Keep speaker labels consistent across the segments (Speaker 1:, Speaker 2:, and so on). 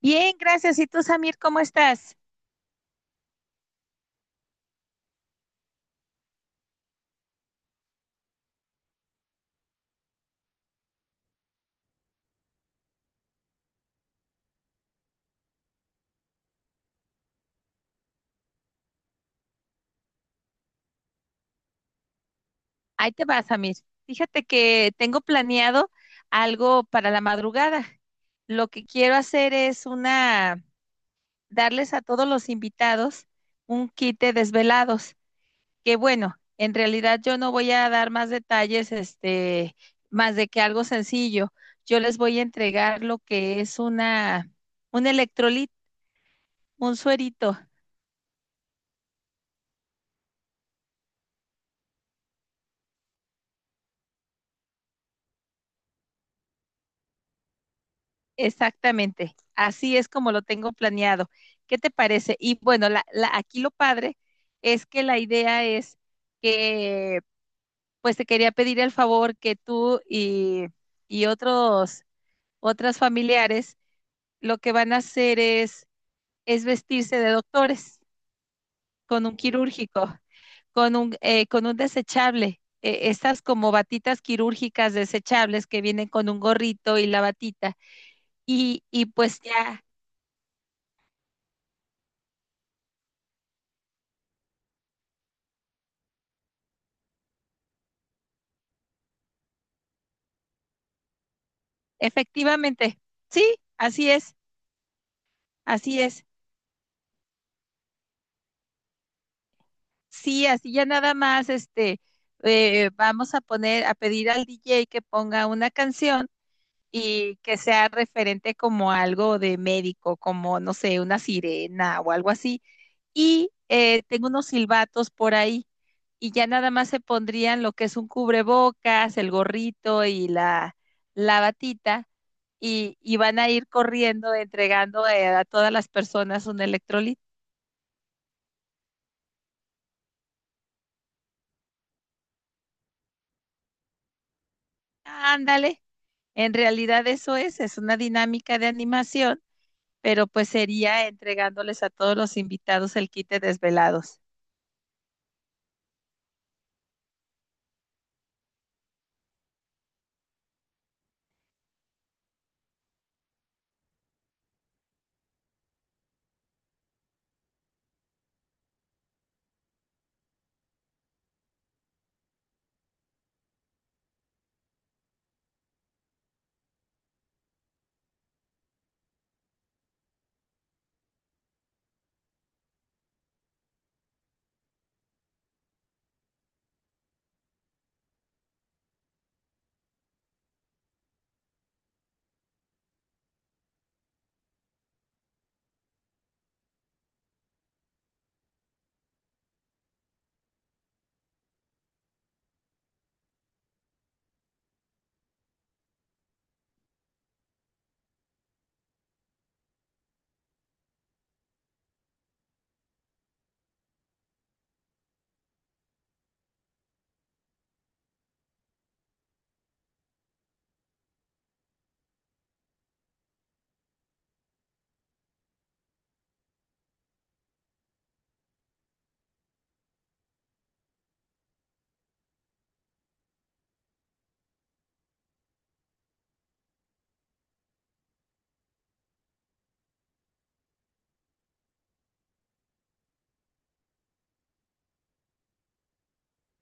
Speaker 1: Bien, gracias. ¿Y tú, Samir, cómo estás? Ahí te va, Samir. Fíjate que tengo planeado algo para la madrugada. Lo que quiero hacer es una, darles a todos los invitados un kit de desvelados, que bueno, en realidad yo no voy a dar más detalles, más de que algo sencillo. Yo les voy a entregar lo que es una, un electrolit, un suerito. Exactamente, así es como lo tengo planeado. ¿Qué te parece? Y bueno, aquí lo padre es que la idea es que, pues te quería pedir el favor que tú y otros, otras familiares lo que van a hacer es vestirse de doctores con un quirúrgico, con un desechable. Estas como batitas quirúrgicas desechables que vienen con un gorrito y la batita. Y pues ya. Efectivamente, sí, así es, así es. Sí, así ya nada más, vamos a poner, a pedir al DJ que ponga una canción y que sea referente como algo de médico, como, no sé, una sirena o algo así. Y tengo unos silbatos por ahí y ya nada más se pondrían lo que es un cubrebocas, el gorrito y la batita y van a ir corriendo entregando a todas las personas un electrolito. Ándale, en realidad eso es una dinámica de animación, pero pues sería entregándoles a todos los invitados el kit de desvelados.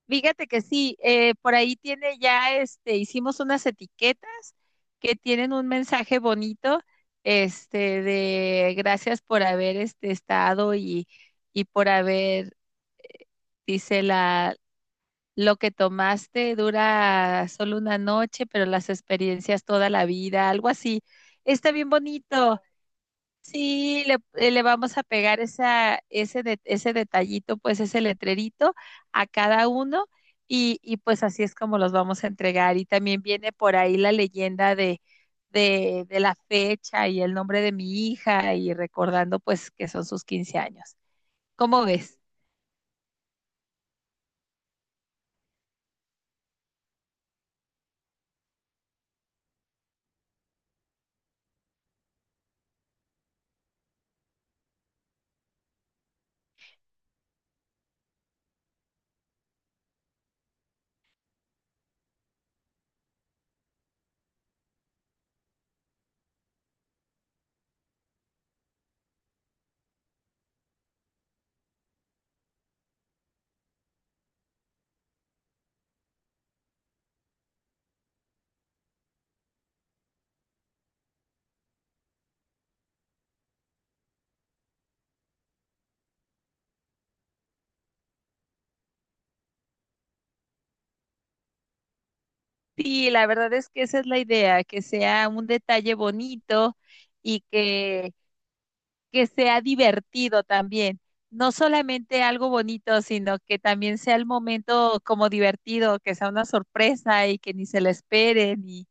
Speaker 1: Fíjate que sí, por ahí tiene ya, hicimos unas etiquetas que tienen un mensaje bonito, de gracias por haber, estado y por haber, eh, dice: "Lo que tomaste dura solo una noche, pero las experiencias toda la vida", algo así. Está bien bonito. Sí, le, le vamos a pegar esa, ese detallito, pues ese letrerito a cada uno y pues así es como los vamos a entregar. Y también viene por ahí la leyenda de, de la fecha y el nombre de mi hija y recordando pues que son sus 15 años. ¿Cómo ves? Sí, la verdad es que esa es la idea, que sea un detalle bonito y que sea divertido también. No solamente algo bonito, sino que también sea el momento como divertido, que sea una sorpresa y que ni se la esperen.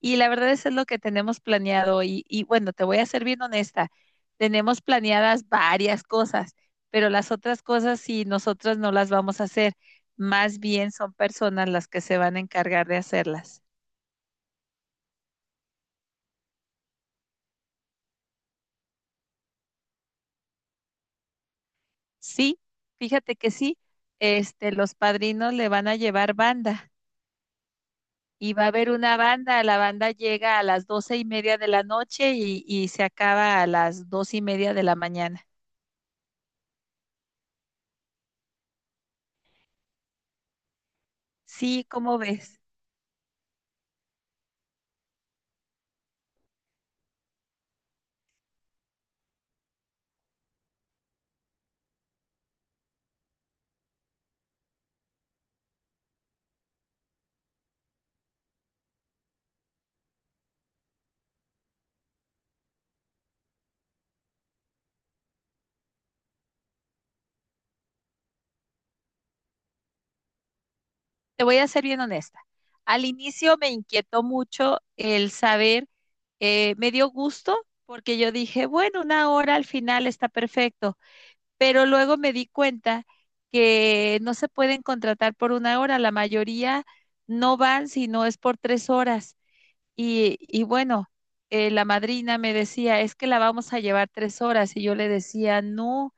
Speaker 1: Y la verdad eso es lo que tenemos planeado. Y bueno, te voy a ser bien honesta, tenemos planeadas varias cosas, pero las otras cosas sí, nosotros no las vamos a hacer. Más bien son personas las que se van a encargar de hacerlas. Sí, fíjate que sí, los padrinos le van a llevar banda y va a haber una banda, la banda llega a las 12:30 de la noche y se acaba a las 2:30 de la mañana. Sí, ¿cómo ves? Te voy a ser bien honesta. Al inicio me inquietó mucho el saber, me dio gusto porque yo dije, bueno, una hora al final está perfecto, pero luego me di cuenta que no se pueden contratar por una hora, la mayoría no van si no es por 3 horas. Y bueno, la madrina me decía, es que la vamos a llevar 3 horas y yo le decía, no,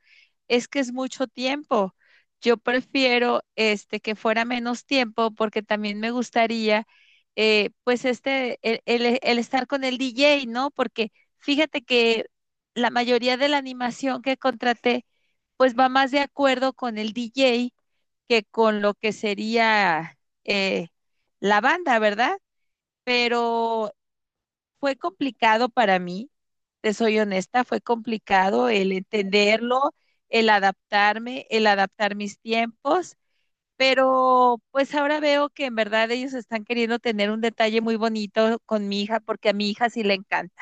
Speaker 1: es que es mucho tiempo. Yo prefiero que fuera menos tiempo porque también me gustaría pues el estar con el DJ, ¿no? Porque fíjate que la mayoría de la animación que contraté pues va más de acuerdo con el DJ que con lo que sería eh, la banda, ¿verdad? Pero fue complicado para mí, te soy honesta, fue complicado el entenderlo, el adaptarme, el adaptar mis tiempos, pero pues ahora veo que en verdad ellos están queriendo tener un detalle muy bonito con mi hija porque a mi hija sí le encanta.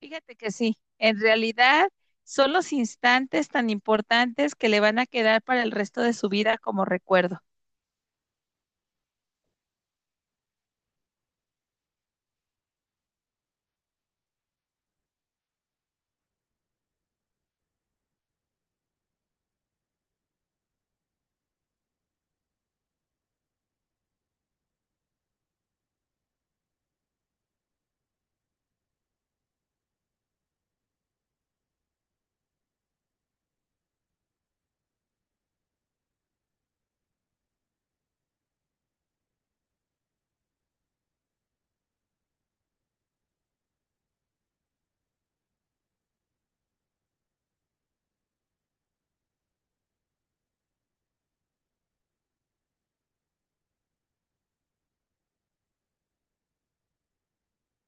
Speaker 1: Fíjate que sí, en realidad son los instantes tan importantes que le van a quedar para el resto de su vida como recuerdo.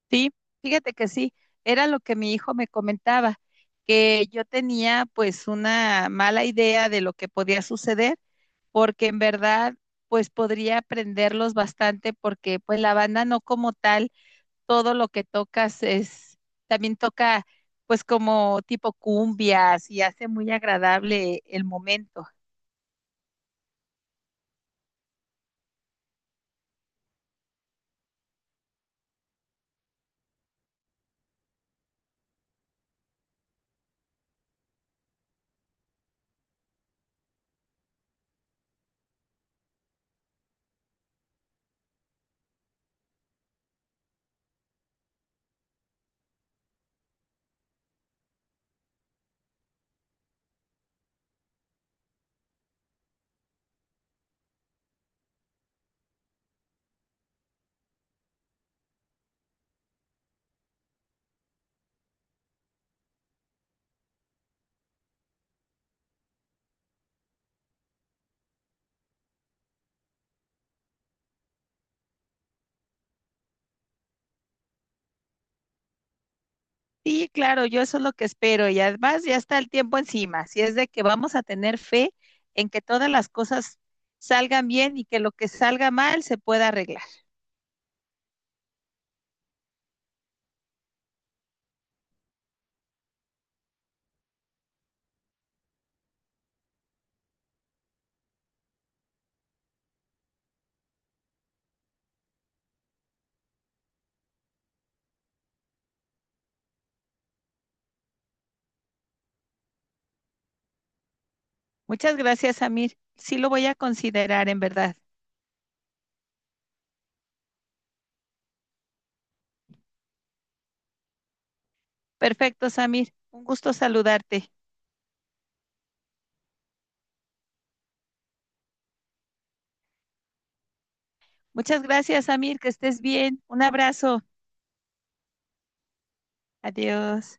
Speaker 1: Sí, fíjate que sí, era lo que mi hijo me comentaba, que yo tenía pues una mala idea de lo que podía suceder, porque en verdad pues podría aprenderlos bastante, porque pues la banda no como tal, todo lo que tocas es, también toca pues como tipo cumbias y hace muy agradable el momento. Sí, claro, yo eso es lo que espero y además ya está el tiempo encima, si es de que vamos a tener fe en que todas las cosas salgan bien y que lo que salga mal se pueda arreglar. Muchas gracias, Samir. Sí lo voy a considerar en verdad. Perfecto, Samir. Un gusto saludarte. Muchas gracias, Samir, que estés bien. Un abrazo. Adiós.